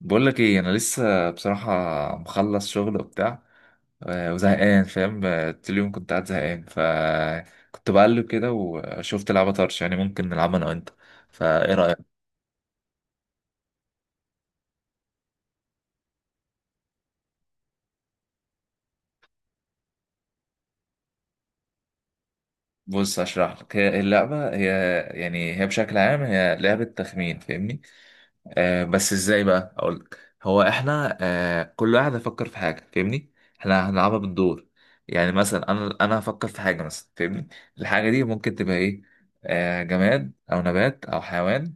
بقول لك ايه؟ انا لسه بصراحه مخلص شغل وبتاع. وزهقان، فاهم؟ طول اليوم كنت قاعد زهقان، فكنت بقلب كده وشفت لعبه طرش، يعني ممكن نلعبها انا وانت، فايه رايك؟ بص اشرح لك، هي اللعبه هي يعني هي بشكل عام هي لعبه تخمين، فاهمني؟ آه، بس ازاي بقى اقولك؟ هو احنا كل واحد هيفكر في حاجه، فاهمني؟ احنا هنلعبها بالدور. يعني مثلا انا هفكر في حاجه مثلا، فاهمني؟ الحاجه دي ممكن تبقى ايه؟ آه، جماد او نبات او حيوان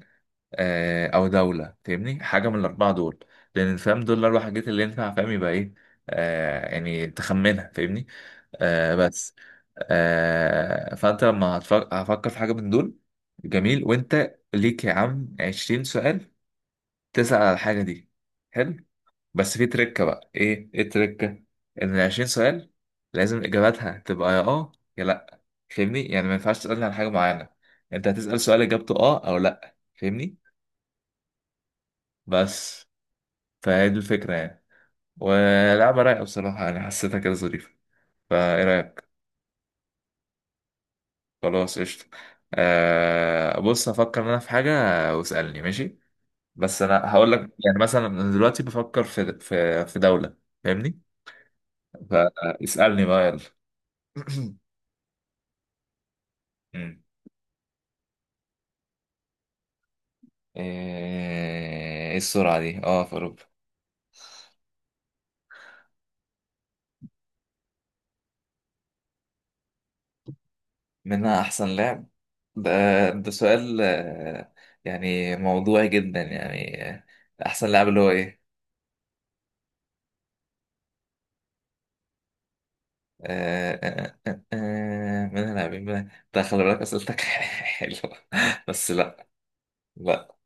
آه او دوله، فاهمني؟ حاجه من الاربعه دول، لان فاهم دول الاربع حاجات اللي ينفع، فاهم؟ يبقى ايه؟ آه، يعني تخمنها، فاهمني؟ آه بس. آه، فانت لما هفكر في حاجه من دول، جميل. وانت ليك يا عم 20 سؤال تسأل على الحاجة دي. حلو. بس في تركة، بقى ايه ايه التركة؟ ان 20 سؤال لازم اجاباتها تبقى يا اه يا لا، فاهمني؟ يعني ما ينفعش تسألني على حاجة معينة، انت هتسأل سؤال اجابته اه او لا، فاهمني؟ بس. فهي دي الفكرة يعني، ولعبة رايقة بصراحة، انا حسيتها كده ظريفة، فايه رأيك؟ خلاص قشطة. بص هفكر انا في حاجة واسألني، ماشي؟ بس انا هقول لك، يعني مثلا انا دلوقتي بفكر في في دولة، فاهمني؟ فاسألني بقى يلا. مم. ايه السرعة دي؟ اه في اوروبا. منها احسن لعب؟ ده ده سؤال يعني موضوعي جدا يعني، احسن لاعب اللي هو ايه؟ منها لاعبين، منها ده خلي بالك اسئلتك حلوه، بس لا. لا.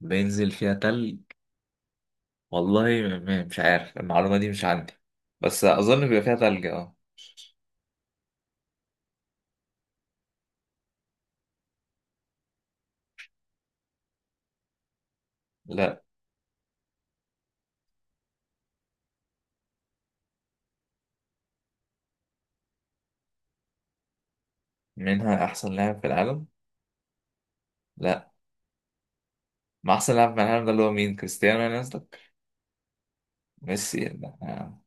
بينزل فيها تلج؟ والله مش عارف، المعلومه دي مش عندي، بس اظن بيبقى فيها تلج اه. لا. منها احسن لاعب في العالم؟ لا، ما احسن لاعب في العالم ده اللي هو مين؟ كريستيانو يعني قصدك؟ ميسي ده. آه.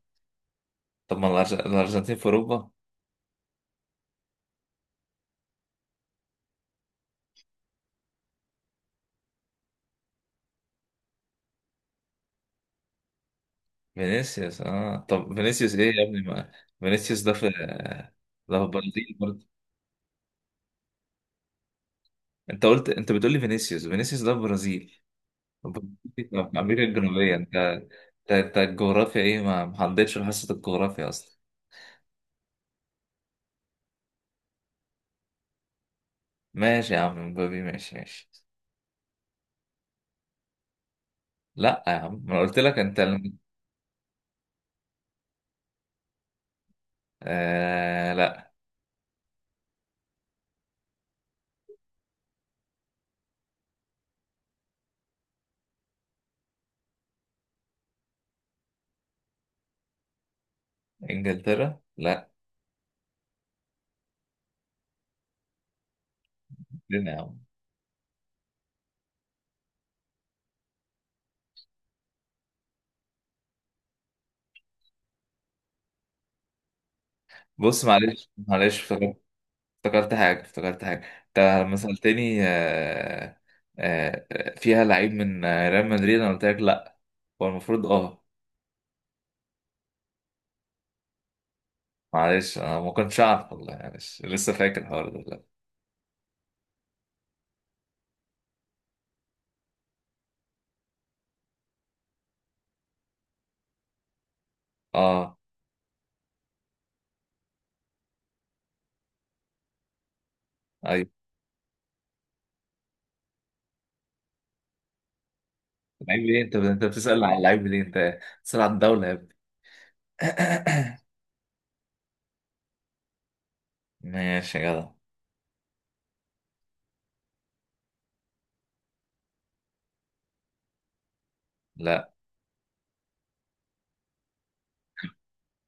طب ما الارجنتين في اوروبا؟ فينيسيوس؟ اه، طب فينيسيوس ايه يا ابني؟ ما فينيسيوس ده في، ده في البرازيل برضه. انت قلت، انت بتقول لي فينيسيوس، فينيسيوس ده في البرازيل، البرازيل دي في امريكا الجنوبيه. انت الجغرافيا ايه؟ ما حضرتش حصه الجغرافيا اصلا؟ ماشي يا عم، مبابي ماشي ماشي. لا يا عم، ما أنا قلت لك، آه لا. انجلترا لا. فين يا عم؟ بص معلش، افتكرت حاجة، افتكرت حاجة انت لما سألتني فيها لعيب من ريال مدريد، انا قلت لك لا، هو المفروض اه. معلش انا ما كنتش اعرف، والله معلش، لسه فاكر الحوار ده دلوقتي. اه. ايوه. لعيب ليه؟ انت بتسأل على اللعيب ليه؟ انت بتسأل على الدولة يا ابني. ماشي يا جدع. لا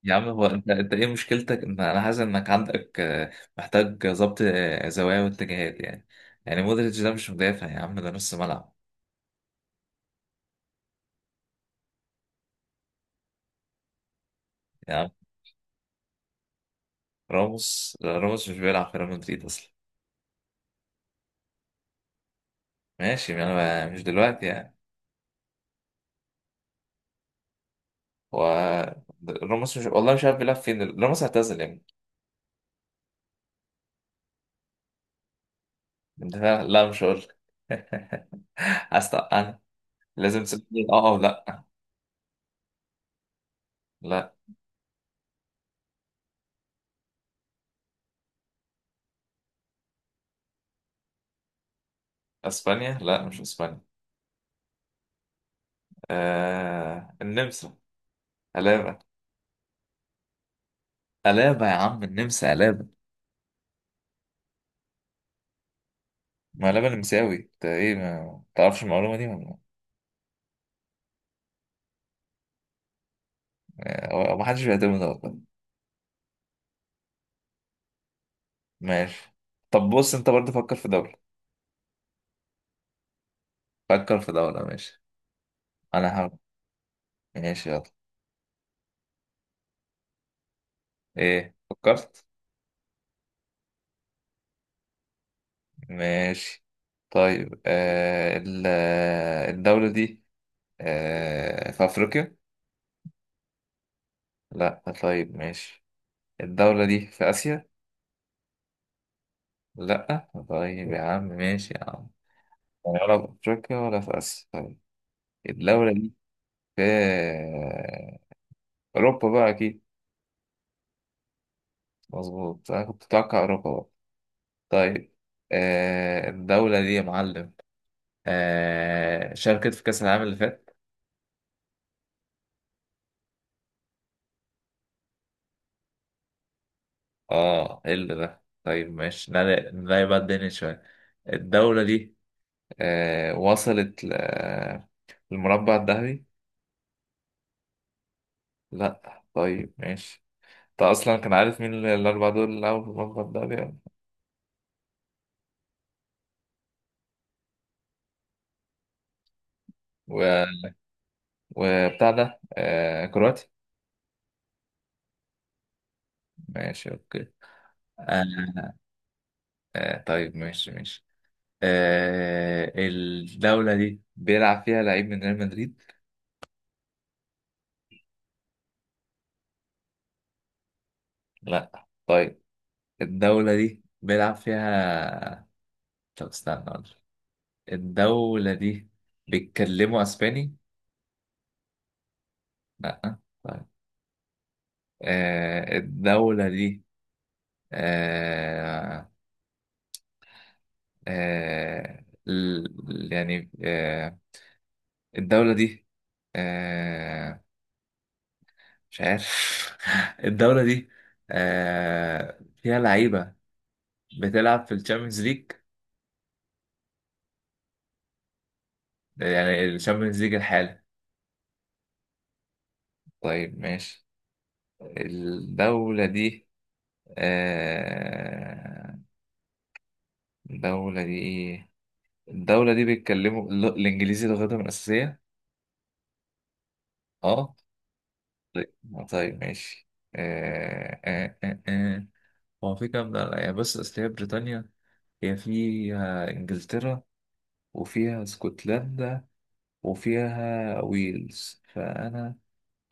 يا عم، هو انت ايه مشكلتك؟ ان انا حاسس انك عندك، محتاج ظبط زوايا واتجاهات يعني، يعني مودريتش ده مش مدافع يا عم، ده نص ملعب. راموس لا، راموس مش بيلعب في ريال مدريد اصلا. ماشي، ما انا مش دلوقتي يعني. هو راموس مش، والله مش عارف بيلعب فين، راموس اعتزل يعني. انت فاهم؟ لا مش هقول لك. انا لازم تسألني اه او لا. لا. اسبانيا لا، مش اسبانيا. النمسا. قلابة. قلابة يا عم، النمسا قلابة. ما قلابة نمساوي، انت ايه ما تعرفش المعلومة دي ولا؟ ما حدش بيعتمد ده والله. ماشي. طب بص، انت برضه فكر في دولة. فكر في دولة ماشي، انا هحاول. ماشي يلا. ايه فكرت؟ ماشي. طيب، الدولة دي في أفريقيا؟ لا طيب، ماشي. الدولة دي في آسيا؟ لا طيب يا عم، ماشي يا عم. يعني ولا في أفريقيا ولا في آسيا، طيب. الدولة دي في أوروبا بقى أكيد. مظبوط، أنا كنت متوقع أوروبا بقى. طيب، الدولة دي يا معلم شاركت في كأس العالم اللي فات. اه، ايه اللي ده؟ طيب ماشي، نعلي بقى الدنيا شوية. الدولة دي وصلت للمربع الذهبي؟ لا طيب ماشي. انت اصلا كان عارف مين الاربعة دول اللي لعبوا في المربع الذهبي. و... وبتاع ده آه كرواتي. ماشي اوكي. آه. آه طيب ماشي ماشي. الدولة دي بيلعب فيها لعيب من ريال مدريد؟ لا طيب. الدولة دي بيلعب فيها، طب استنى، الدولة دي بيتكلموا أسباني؟ لأ طيب. الدولة دي آه آه ال- يعني آه الدولة دي آه مش عارف. الدولة دي فيها لعيبة بتلعب في الشامبيونز ليج؟ يعني الشامبيونز ليج الحالي. طيب ماشي. الدولة دي آه إيه؟ الدولة دي بيتكلموا الإنجليزي لغتهم الأساسية؟ أه. طيب. طيب، ماشي. آه آه آه آه. هو في كام دولة؟ يعني بس أصل هي بريطانيا، هي فيها إنجلترا وفيها اسكتلندا وفيها ويلز، فأنا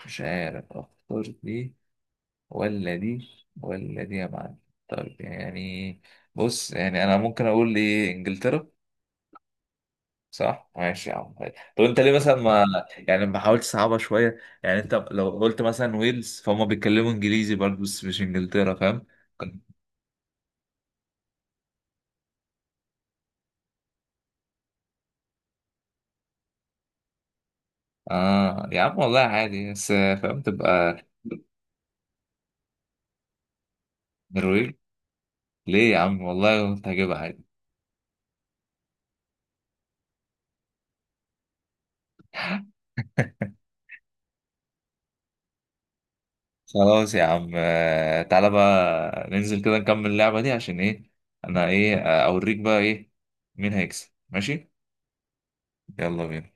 مش عارف أختار دي ولا دي ولا دي يا معلم. طيب يعني، بص يعني أنا ممكن أقول إيه؟ إنجلترا. صح؟ ماشي يا عم. طب انت ليه مثلا ما، يعني ما حاولتش صعبها شويه؟ يعني انت لو قلت مثلا ويلز، فهم بيتكلموا انجليزي برضه، بس مش انجلترا، فاهم؟ كان- اه يا عم والله عادي، بس فاهم تبقى. نرويج؟ ليه يا عم والله كنت هجيبها عادي. خلاص يا عم، تعالى بقى ننزل كده نكمل اللعبه دي، عشان ايه؟ انا ايه اوريك بقى ايه، مين هيكسب، ماشي؟ يلا بينا.